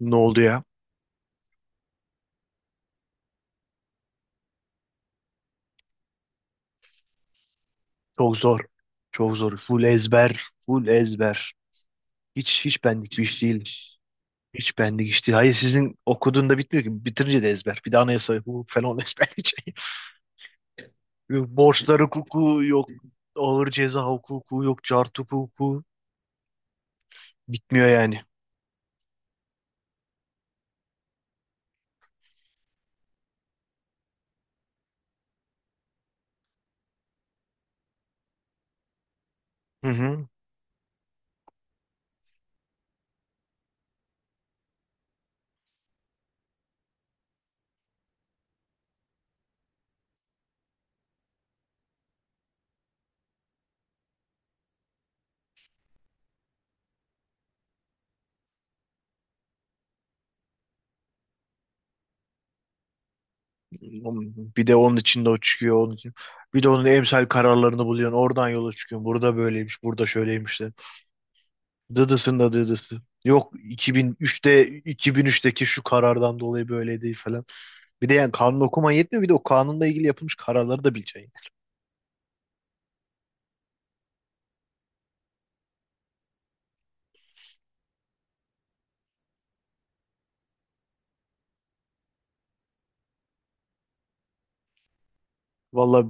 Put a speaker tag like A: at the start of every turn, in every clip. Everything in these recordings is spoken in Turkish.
A: Ne oldu ya? Çok zor. Çok zor. Full ezber. Full ezber. Hiç bendik bir iş değil. Hiç bendik iş değil. Hayır sizin okuduğunda bitmiyor ki. Bitirince de ezber. Bir de anayasa hukuku falan ezber. Borçlar hukuku yok. Ağır ceza hukuku yok. Cart hukuku. Bitmiyor yani. Hı hı. Bir de onun içinde o çıkıyor. Onun için. Bir de onun emsal kararlarını buluyorsun. Oradan yola çıkıyorsun. Burada böyleymiş. Burada şöyleymiş. Dıdısın da dıdısı. Yok, 2003'te 2003'teki şu karardan dolayı böyle değil falan. Bir de yani kanun okuman yetmiyor, bir de o kanunla ilgili yapılmış kararları da bileceksin. Valla,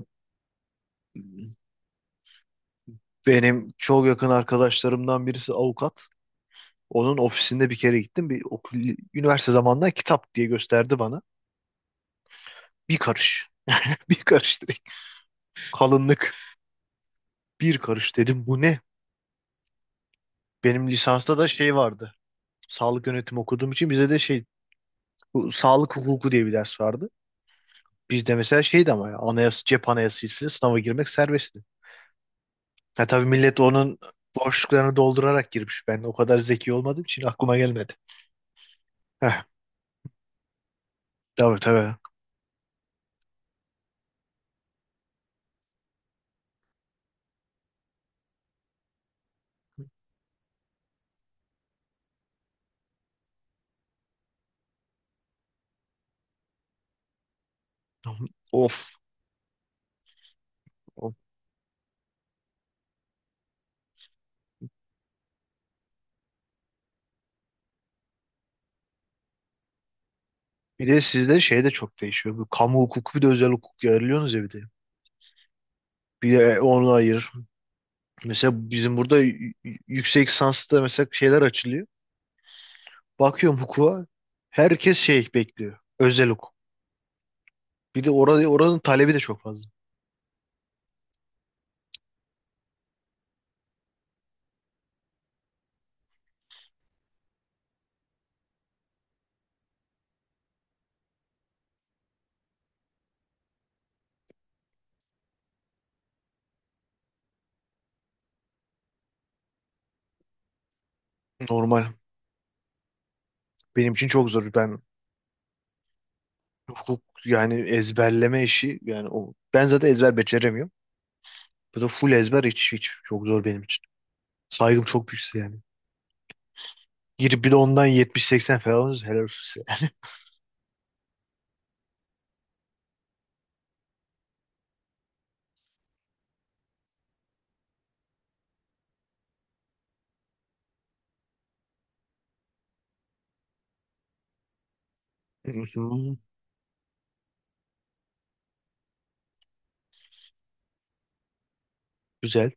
A: benim çok yakın arkadaşlarımdan birisi avukat. Onun ofisinde bir kere gittim. Bir okul, üniversite zamanında kitap diye gösterdi bana. Bir karış. Bir karış direkt. Kalınlık. Bir karış dedim. Bu ne? Benim lisansta da şey vardı. Sağlık yönetimi okuduğum için bize de şey, bu sağlık hukuku diye bir ders vardı. Bizde mesela şeydi ama ya anayasa, cep anayasasıyla sınava girmek serbestti. Ya tabii millet onun boşluklarını doldurarak girmiş. Ben o kadar zeki olmadığım için aklıma gelmedi. Heh, tabii tabii. Of, of. Bir de sizde şey de çok değişiyor. Bu kamu hukuku bir de özel hukuk ayırıyorsunuz ya, bir de. Bir de onu ayır. Mesela bizim burada yüksek lisansta mesela şeyler açılıyor. Bakıyorum hukuka herkes şey bekliyor. Özel hukuk. Bir de orada, oranın talebi de çok fazla. Normal. Benim için çok zor. Ben hukuk yani ezberleme işi yani o, ben zaten ezber beceremiyorum. Bu da full ezber, hiç çok zor benim için. Saygım çok büyük size yani. Girip bir de ondan 70-80 falan alırsanız helal olsun size yani. Mhm. Güzel.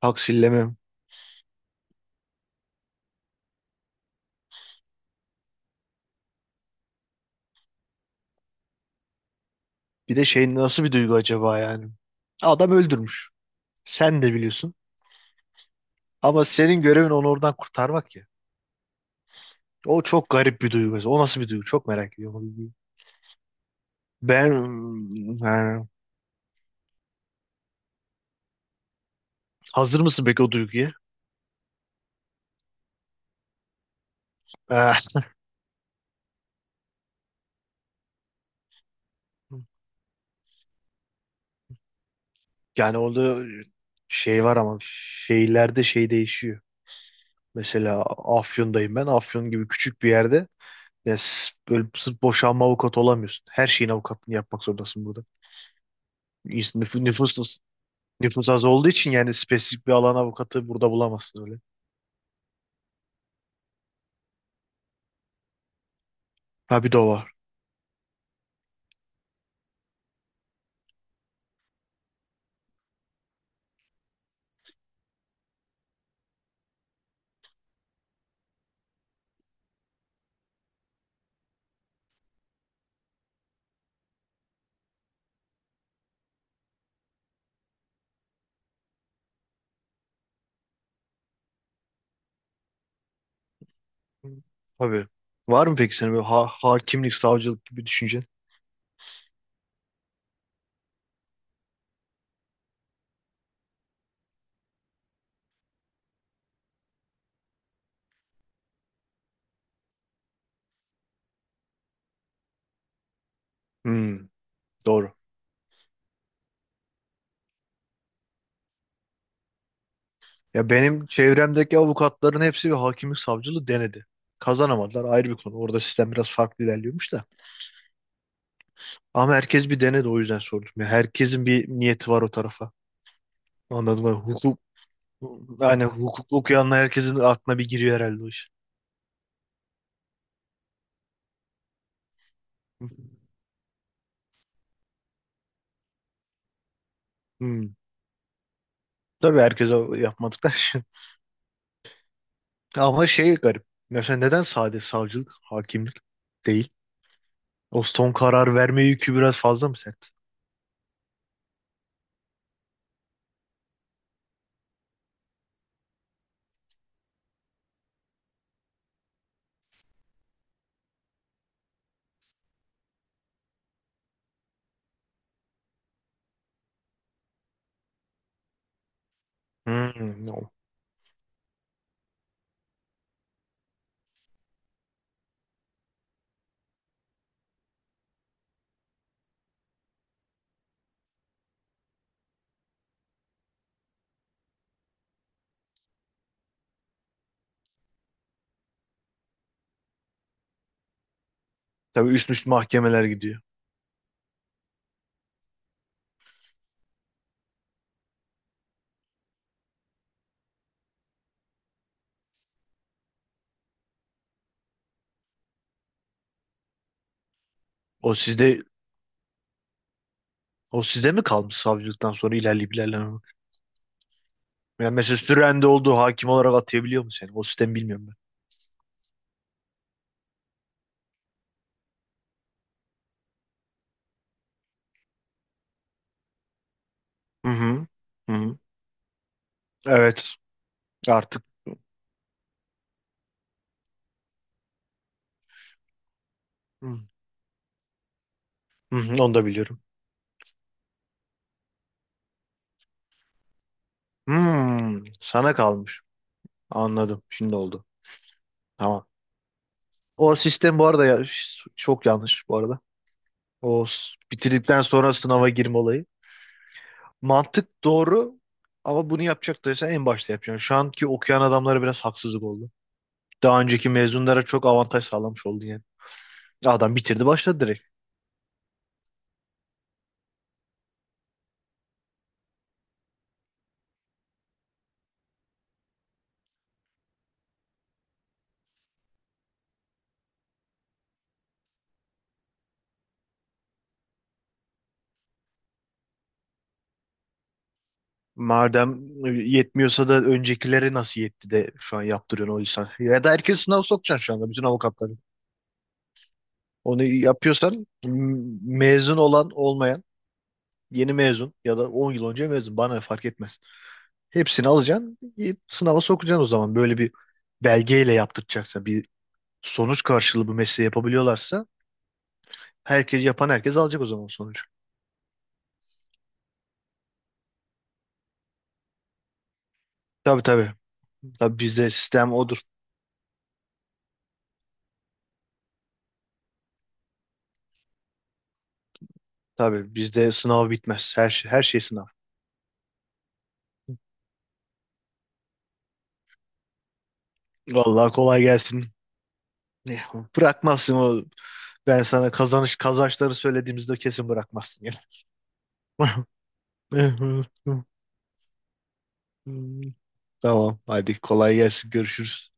A: Taksillemem. Bir de şey, nasıl bir duygu acaba yani? Adam öldürmüş. Sen de biliyorsun. Ama senin görevin onu oradan kurtarmak ya. O çok garip bir duygu mesela. O nasıl bir duygu? Çok merak ediyorum o duyguyu. Ben yani, hazır mısın peki o duyguya? Yani orada şey var ama şehirlerde şey değişiyor. Mesela Afyon'dayım ben. Afyon gibi küçük bir yerde, ya böyle sırf boşanma avukatı olamıyorsun. Her şeyin avukatını yapmak zorundasın burada. İz- nüf- Nüfus, nüfus az olduğu için yani spesifik bir alan avukatı burada bulamazsın öyle. Ha, bir de o var. Hı. Tabii. Var mı peki senin böyle hakimlik, savcılık gibi düşüncen? Hmm, doğru. Ya benim çevremdeki avukatların hepsi bir hakimlik savcılığı denedi. Kazanamadılar, ayrı bir konu. Orada sistem biraz farklı ilerliyormuş da. Ama herkes bir denedi, o yüzden sordum. Ya herkesin bir niyeti var o tarafa. Anladım. Hukuk, yani hukuk okuyanlar herkesin aklına bir giriyor herhalde o iş. Hmm. Tabii herkese yapmadıklar şey. Ama şey garip. Mesela neden sadece savcılık, hakimlik değil? O son karar verme yükü biraz fazla mı sert? Hmm. No. Tabii üst üste mahkemeler gidiyor. O sizde, o size mi kalmış savcılıktan sonra ilerleyip ilerlememek? Yani mesela sürende olduğu hakim olarak atayabiliyor mu seni? O sistemi bilmiyorum ben. Hı hı. Hı hı. Evet. Artık. Hmm, hı hı, onu da biliyorum. Hmm, sana kalmış. Anladım. Şimdi oldu. Tamam. O sistem bu arada ya, çok yanlış bu arada. O bitirdikten sonra sınava girme olayı. Mantık doğru ama bunu yapacaktıysan en başta yapacaksın. Şu anki okuyan adamlara biraz haksızlık oldu. Daha önceki mezunlara çok avantaj sağlamış oldun yani. Adam bitirdi başladı direkt. Madem yetmiyorsa da öncekileri nasıl yetti de şu an yaptırıyorsun o insan. Ya da herkes sınav sokacaksın şu anda bütün avukatları. Onu yapıyorsan mezun olan olmayan, yeni mezun ya da 10 yıl önce mezun bana ne, fark etmez. Hepsini alacaksın, sınava sokacaksın o zaman. Böyle bir belgeyle yaptıracaksa bir sonuç karşılığı bu mesleği yapabiliyorlarsa herkes, yapan herkes alacak o zaman sonucu. Tabii tabii. Tabii bizde sistem odur. Tabii bizde sınav bitmez. Her şey, her şey sınav. Vallahi kolay gelsin. Ne- Bırakmazsın o. Ben sana kazanış kazançları söylediğimizde kesin bırakmazsın yani. Tamam. Hadi kolay gelsin. Görüşürüz.